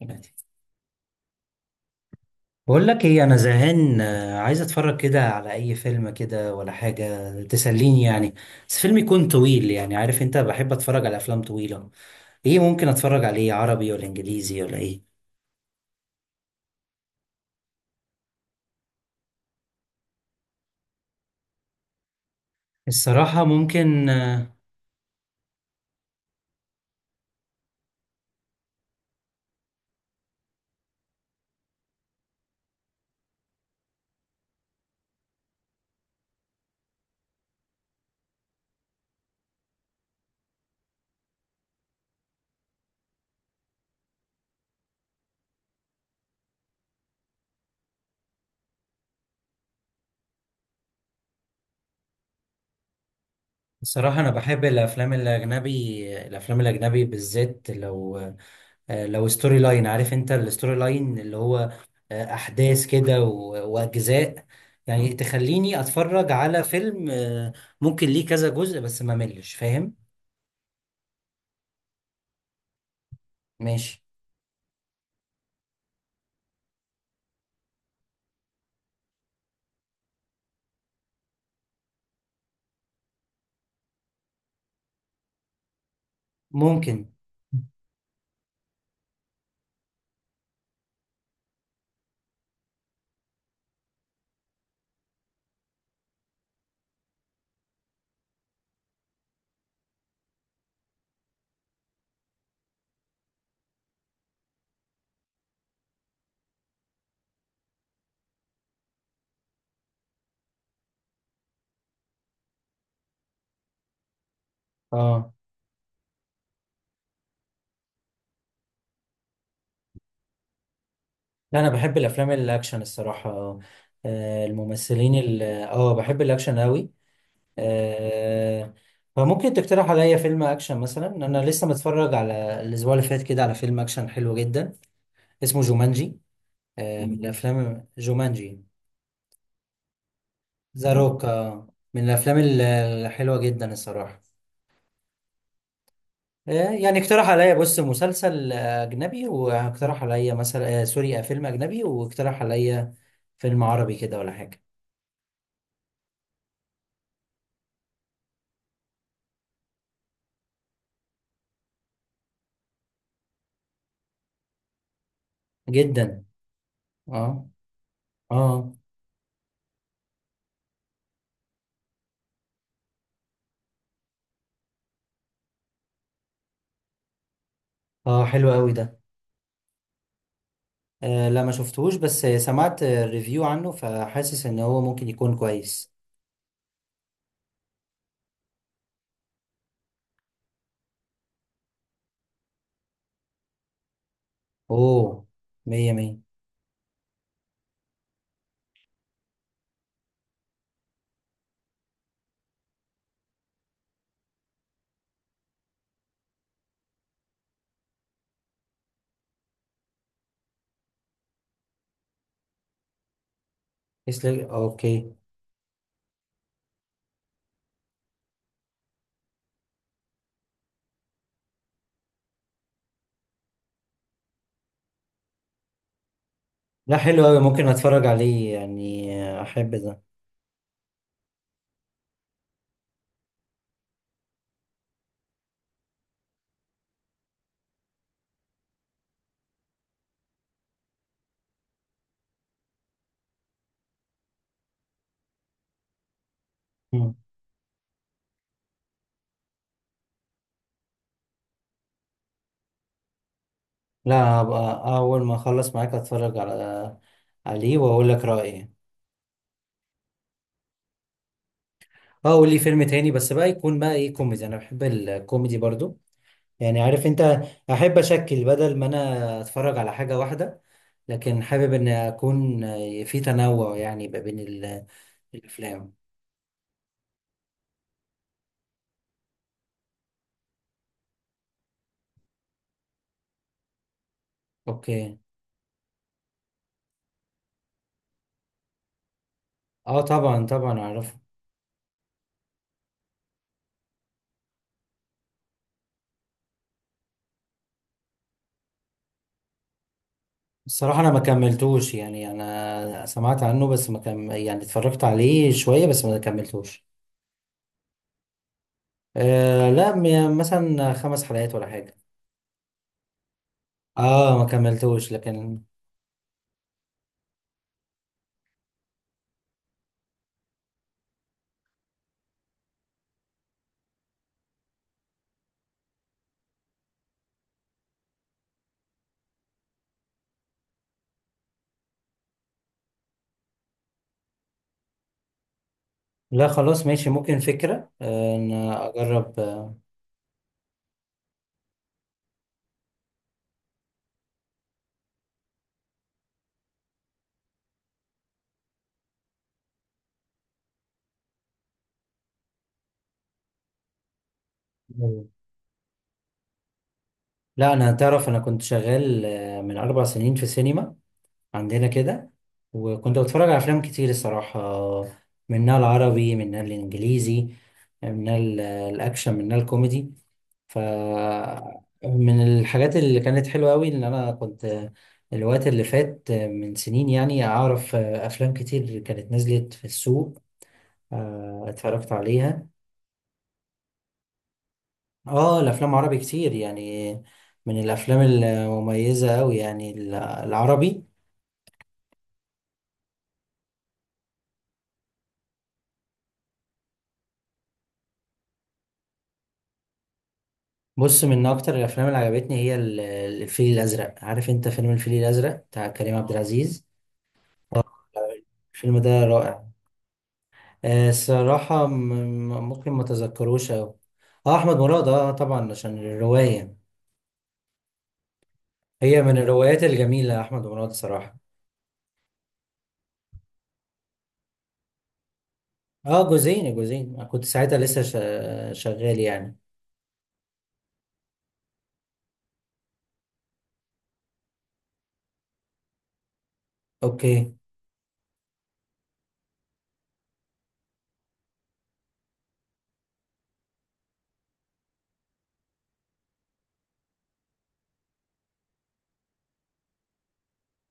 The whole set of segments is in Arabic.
ماشي. بقول لك ايه، انا زهقان، عايز اتفرج كده على اي فيلم، كده ولا حاجه تسليني يعني. بس فيلم يكون طويل، يعني عارف انت بحب اتفرج على افلام طويله. ايه ممكن اتفرج عليه، عربي ولا انجليزي ولا ايه؟ الصراحه ممكن. الصراحة أنا بحب الأفلام الأجنبي، الأفلام الأجنبي بالذات لو آه، لو ستوري لاين، عارف أنت الستوري لاين اللي هو أحداث كده وأجزاء. يعني تخليني أتفرج على فيلم، ممكن ليه كذا جزء بس ما ملش فاهم؟ ماشي، ممكن. اه، لا انا بحب الافلام الاكشن الصراحه. آه، الممثلين بحب الاكشن قوي. آه، فممكن تقترح عليا فيلم اكشن؟ مثلا انا لسه متفرج على الاسبوع اللي فات كده على فيلم اكشن حلو جدا، اسمه جومانجي. آه، من الافلام جومانجي. ذا روك، آه، من الافلام الحلوه جدا الصراحه. آه، يعني اقترح عليا، بص، مسلسل اجنبي، واقترح عليا مثلا سوري، فيلم اجنبي، واقترح عليا فيلم عربي كده ولا حاجه. جدا. اه. اه. اه حلو قوي ده. آه، لا ما شفتهوش، بس سمعت ريفيو عنه، فحاسس ان هو ممكن يكون كويس. اوه، مية مية. يسلك، اوكي. لا، حلو اوي، ممكن اتفرج عليه يعني. آه، احب ده. مم. لا، هبقى اول ما اخلص معاك اتفرج على عليه واقول لك رايي. اه، قول لي فيلم تاني، بس بقى يكون بقى ايه، كوميدي. انا بحب الكوميدي برضو، يعني عارف انت، احب اشكل بدل ما انا اتفرج على حاجه واحده، لكن حابب ان اكون في تنوع يعني بقى بين الافلام. اوكي. اه، طبعا طبعا اعرفه. الصراحه انا ما كملتوش، يعني انا سمعت عنه، بس ما كم يعني اتفرجت عليه شويه بس ما كملتوش. آه، لا، مثلا 5 حلقات ولا حاجه. اه، ما كملتوش لكن. لا، خلاص ماشي، ممكن فكره ان اجرب. آه، لا انا، تعرف، انا كنت شغال من 4 سنين في سينما عندنا كده. وكنت بتفرج على افلام كتير الصراحه، منها العربي منها الانجليزي، منها الاكشن منها الكوميدي. ف، من الحاجات اللي كانت حلوه قوي ان انا كنت الوقت اللي فات من سنين، يعني اعرف افلام كتير كانت نزلت في السوق، آه، اتفرجت عليها. اه، الافلام عربي كتير يعني، من الافلام المميزه قوي يعني العربي. بص، من اكتر الافلام اللي عجبتني هي الفيل الازرق، عارف انت فيلم الفيل الازرق بتاع كريم عبد العزيز. الفيلم ده رائع. آه، الصراحة ممكن ما تذكروش أوي. اه احمد مراد، اه طبعا عشان الرواية. هي من الروايات الجميلة، احمد مراد صراحة. اه جزئين، جزئين كنت ساعتها لسه شغال يعني. اوكي.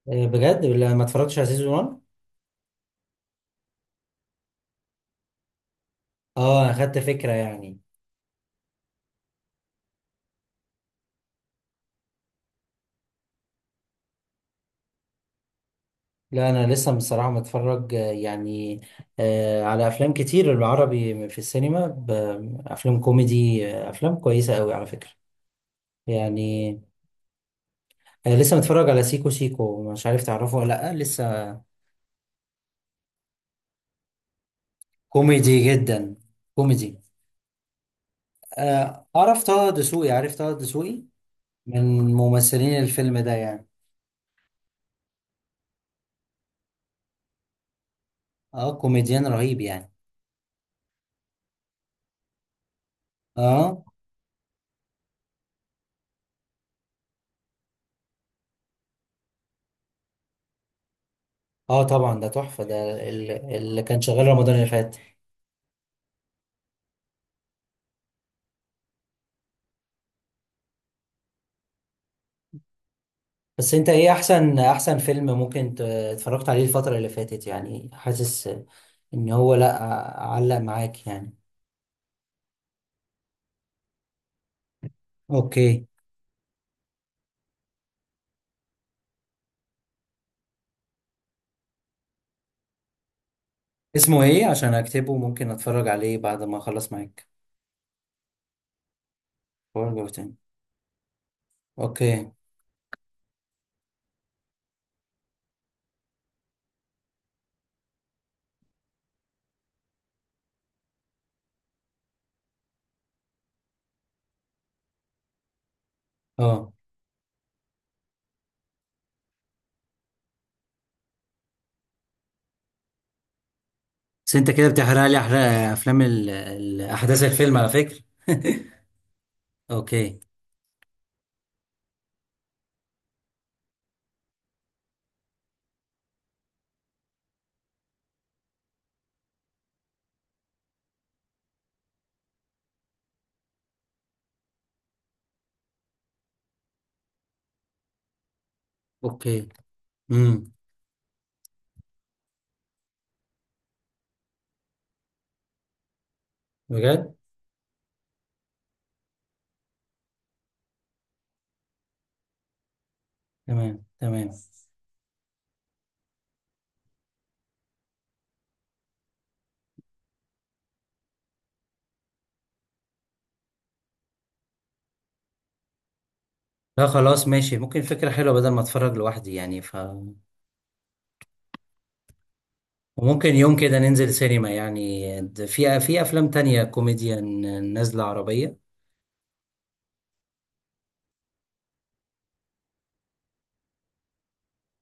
آه، بجد لا، ما اتفرجتش على سيزون 1. اه، اخدت فكرة يعني. لا انا لسه بصراحه متفرج يعني، على افلام كتير العربي في السينما، افلام كوميدي، آه، افلام كويسه قوي على فكره يعني. آه، لسه متفرج على سيكو سيكو، مش عارف تعرفه ولا لا لسه. كوميدي جدا. كوميدي. آه، اعرف طه دسوقي، عارف طه دسوقي من ممثلين الفيلم ده يعني. اه، كوميديان رهيب يعني. اه. اه، طبعا ده تحفه ده، اللي كان شغال رمضان اللي فات. بس انت ايه احسن، احسن فيلم ممكن اتفرجت عليه الفترة اللي فاتت، يعني حاسس ان هو، لا، علق معاك يعني. اوكي. اسمه ايه عشان اكتبه؟ ممكن اتفرج عليه بعد ما اخلص معاك وارجع تاني. اوكي. اه، بس انت كده بتحرق لي، احرق افلام احداث الفيلم على فكرة اوكي. اوكي. امم. بجد. تمام، تمام. لا، خلاص ماشي، ممكن فكرة حلوة بدل ما اتفرج لوحدي يعني. ف، وممكن يوم كده ننزل سينما يعني، في افلام تانية كوميديا نازلة عربية.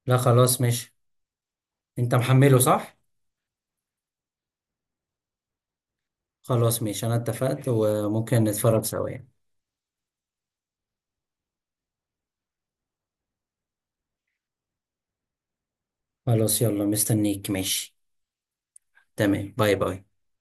لا، خلاص ماشي، انت محمله صح. خلاص ماشي، انا اتفقت وممكن نتفرج سوا يعني. خلاص يلا، مستنيك ماشي. تمام، باي باي.